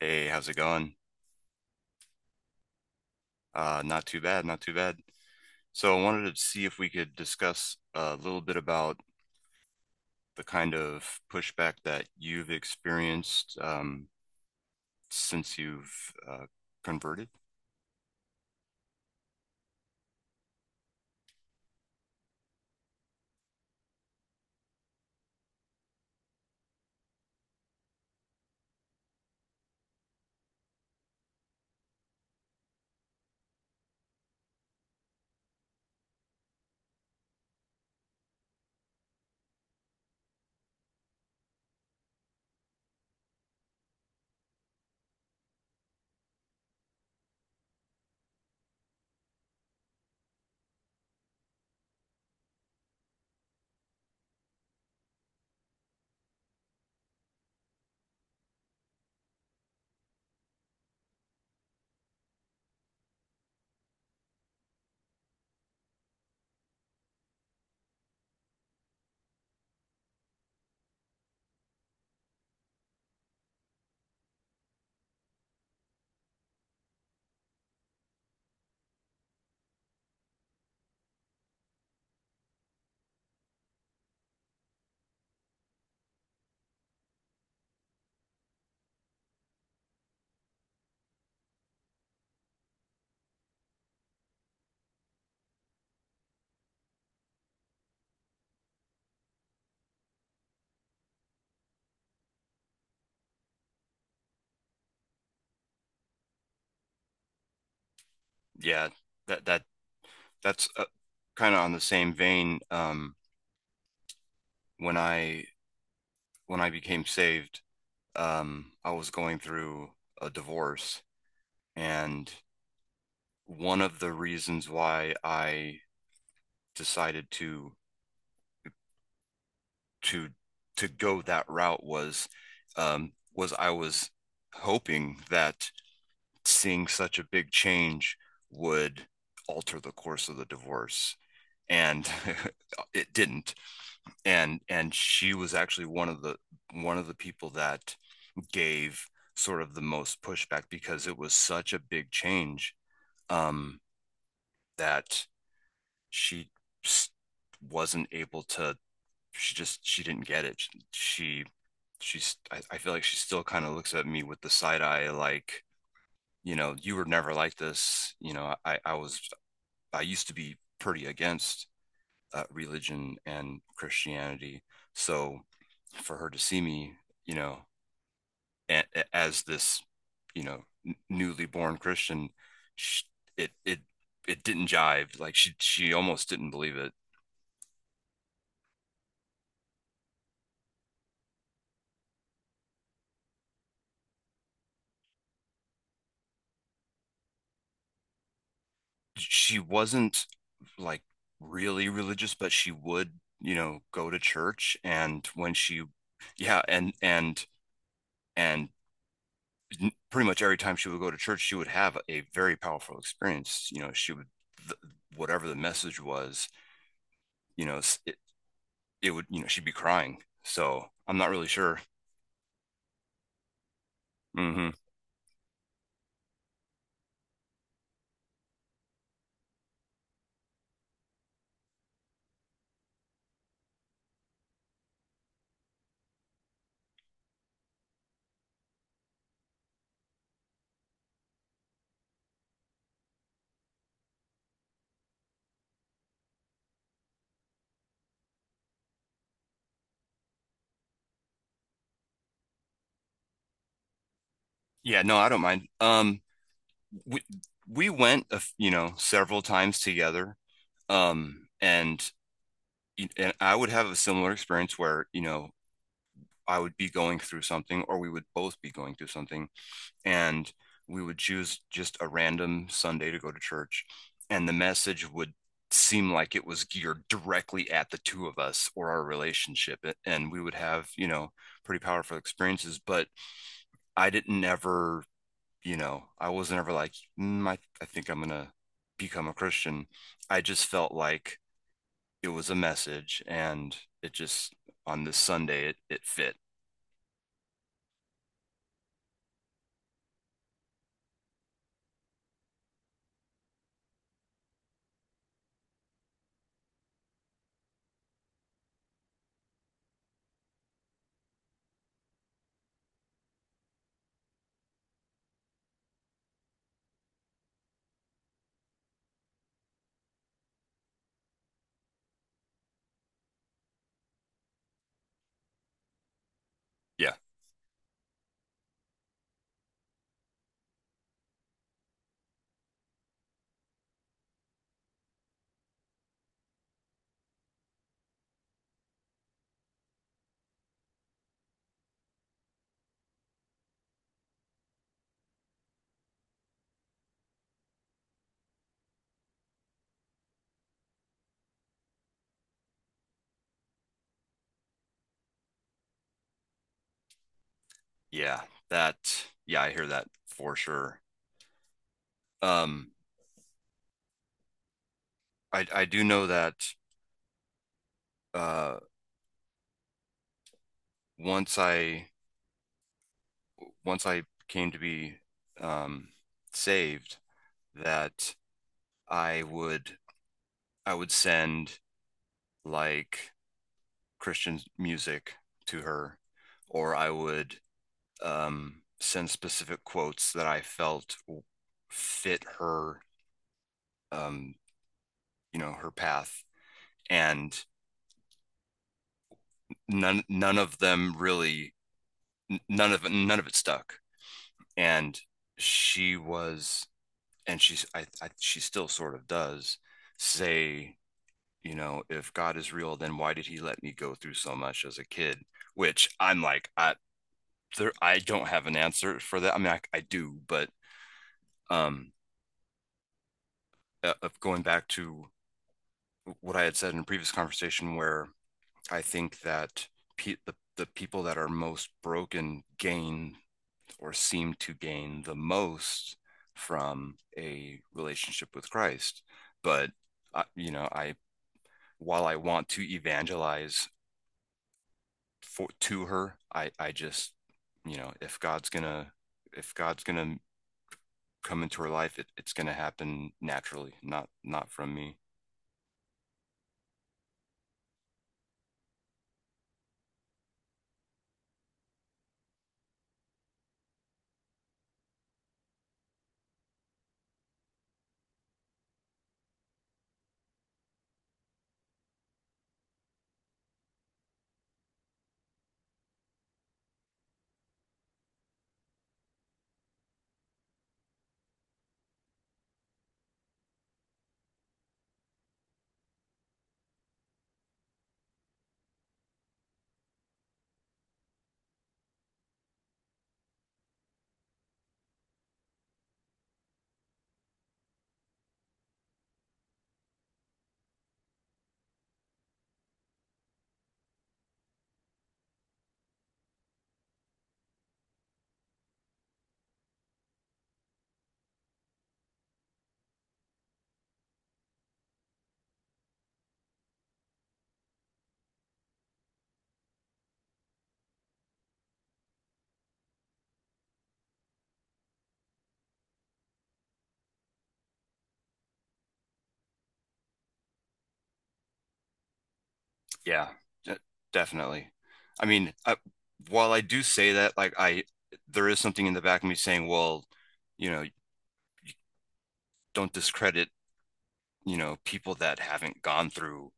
Hey, how's it going? Not too bad, not too bad. So I wanted to see if we could discuss a little bit about the kind of pushback that you've experienced since you've converted. Yeah, that that's kind of on the same vein. When I when I became saved, I was going through a divorce, and one of the reasons why I decided to to go that route was I was hoping that seeing such a big change would alter the course of the divorce and it didn't, and she was actually one of the people that gave sort of the most pushback because it was such a big change, um that she wasn't able to, she didn't get it. She she's I feel like she still kind of looks at me with the side eye, like, you know, you were never like this. You know, I was, I used to be pretty against religion and Christianity. So for her to see me, you know, as this, you know, newly born Christian, sh it it it didn't jive. She almost didn't believe it. She wasn't like really religious, but she would, you know, go to church. And yeah, and pretty much every time she would go to church, she would have a very powerful experience. You know, she would, th whatever the message was, you know, it, it would, you know, she'd be crying. So I'm not really sure. hmm Yeah, no, I don't mind. We we went, you know, several times together. Um, and and I would have a similar experience where, you know, I would be going through something, or we would both be going through something, and we would choose just a random Sunday to go to church, and the message would seem like it was geared directly at the two of us or our relationship, and we would have, you know, pretty powerful experiences. But I didn't ever, you know, I wasn't ever like, I think I'm gonna become a Christian. I just felt like it was a message, and it just, on this Sunday, it fit. Yeah. Yeah. That, yeah, I hear that for sure. Um I do know that uh once I once I came to be um saved, that I would I would send, like, Christian music to her, or I would send specific quotes that I felt fit her, um you know, her path. And none of them really, none of it stuck. And she was and she's, I she still sort of does say, you know, if God is real, then why did he let me go through so much as a kid? Which I'm like, I don't have an answer for that. I mean, I do, but um uh, going back to what I had said in a previous conversation, where I think that the people that are most broken gain, or seem to gain, the most from a relationship with Christ. But you know, I while I want to evangelize for to her, I just, you know, if God's gonna come into her life, it, it's gonna happen naturally, not, not from me. Yeah, de- definitely. I mean, while I do say that, there is something in the back of me saying, well, you know, don't discredit, you know, people that haven't gone through,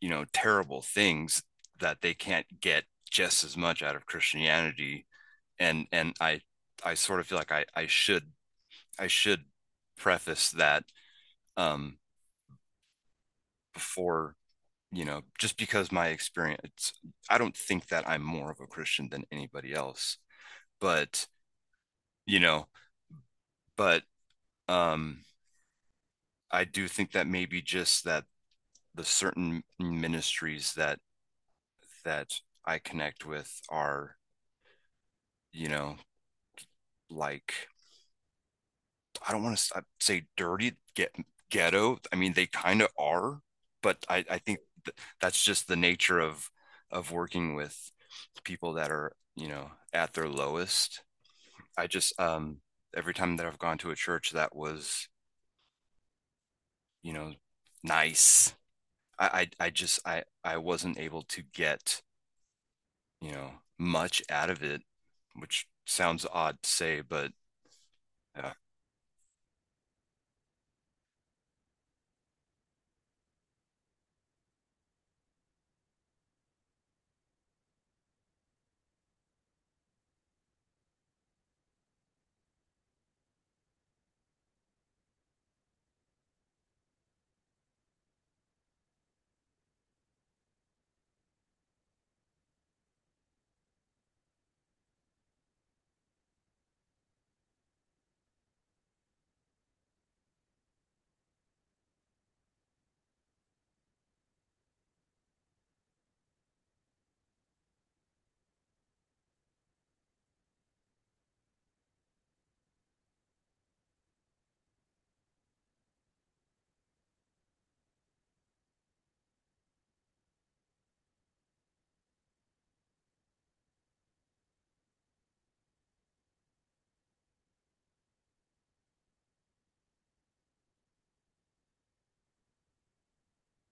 you know, terrible things, that they can't get just as much out of Christianity. And I sort of feel like I should, I should preface that um before, you know, just because my experience, I don't think that I'm more of a Christian than anybody else, but, you know, but um, I do think that maybe just that the certain ministries that that I connect with are, you know, like, I don't want to say dirty, get ghetto. I mean, they kind of are, but I think that's just the nature of working with people that are, you know, at their lowest. I just every time that I've gone to a church that was, you know, nice, I just, I wasn't able to get, you know, much out of it, which sounds odd to say, but uh,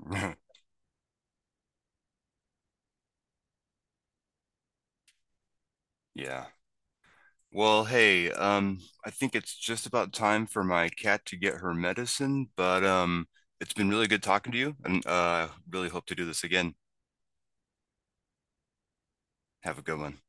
yeah. Well, hey, I think it's just about time for my cat to get her medicine, but it's been really good talking to you, and really hope to do this again. Have a good one.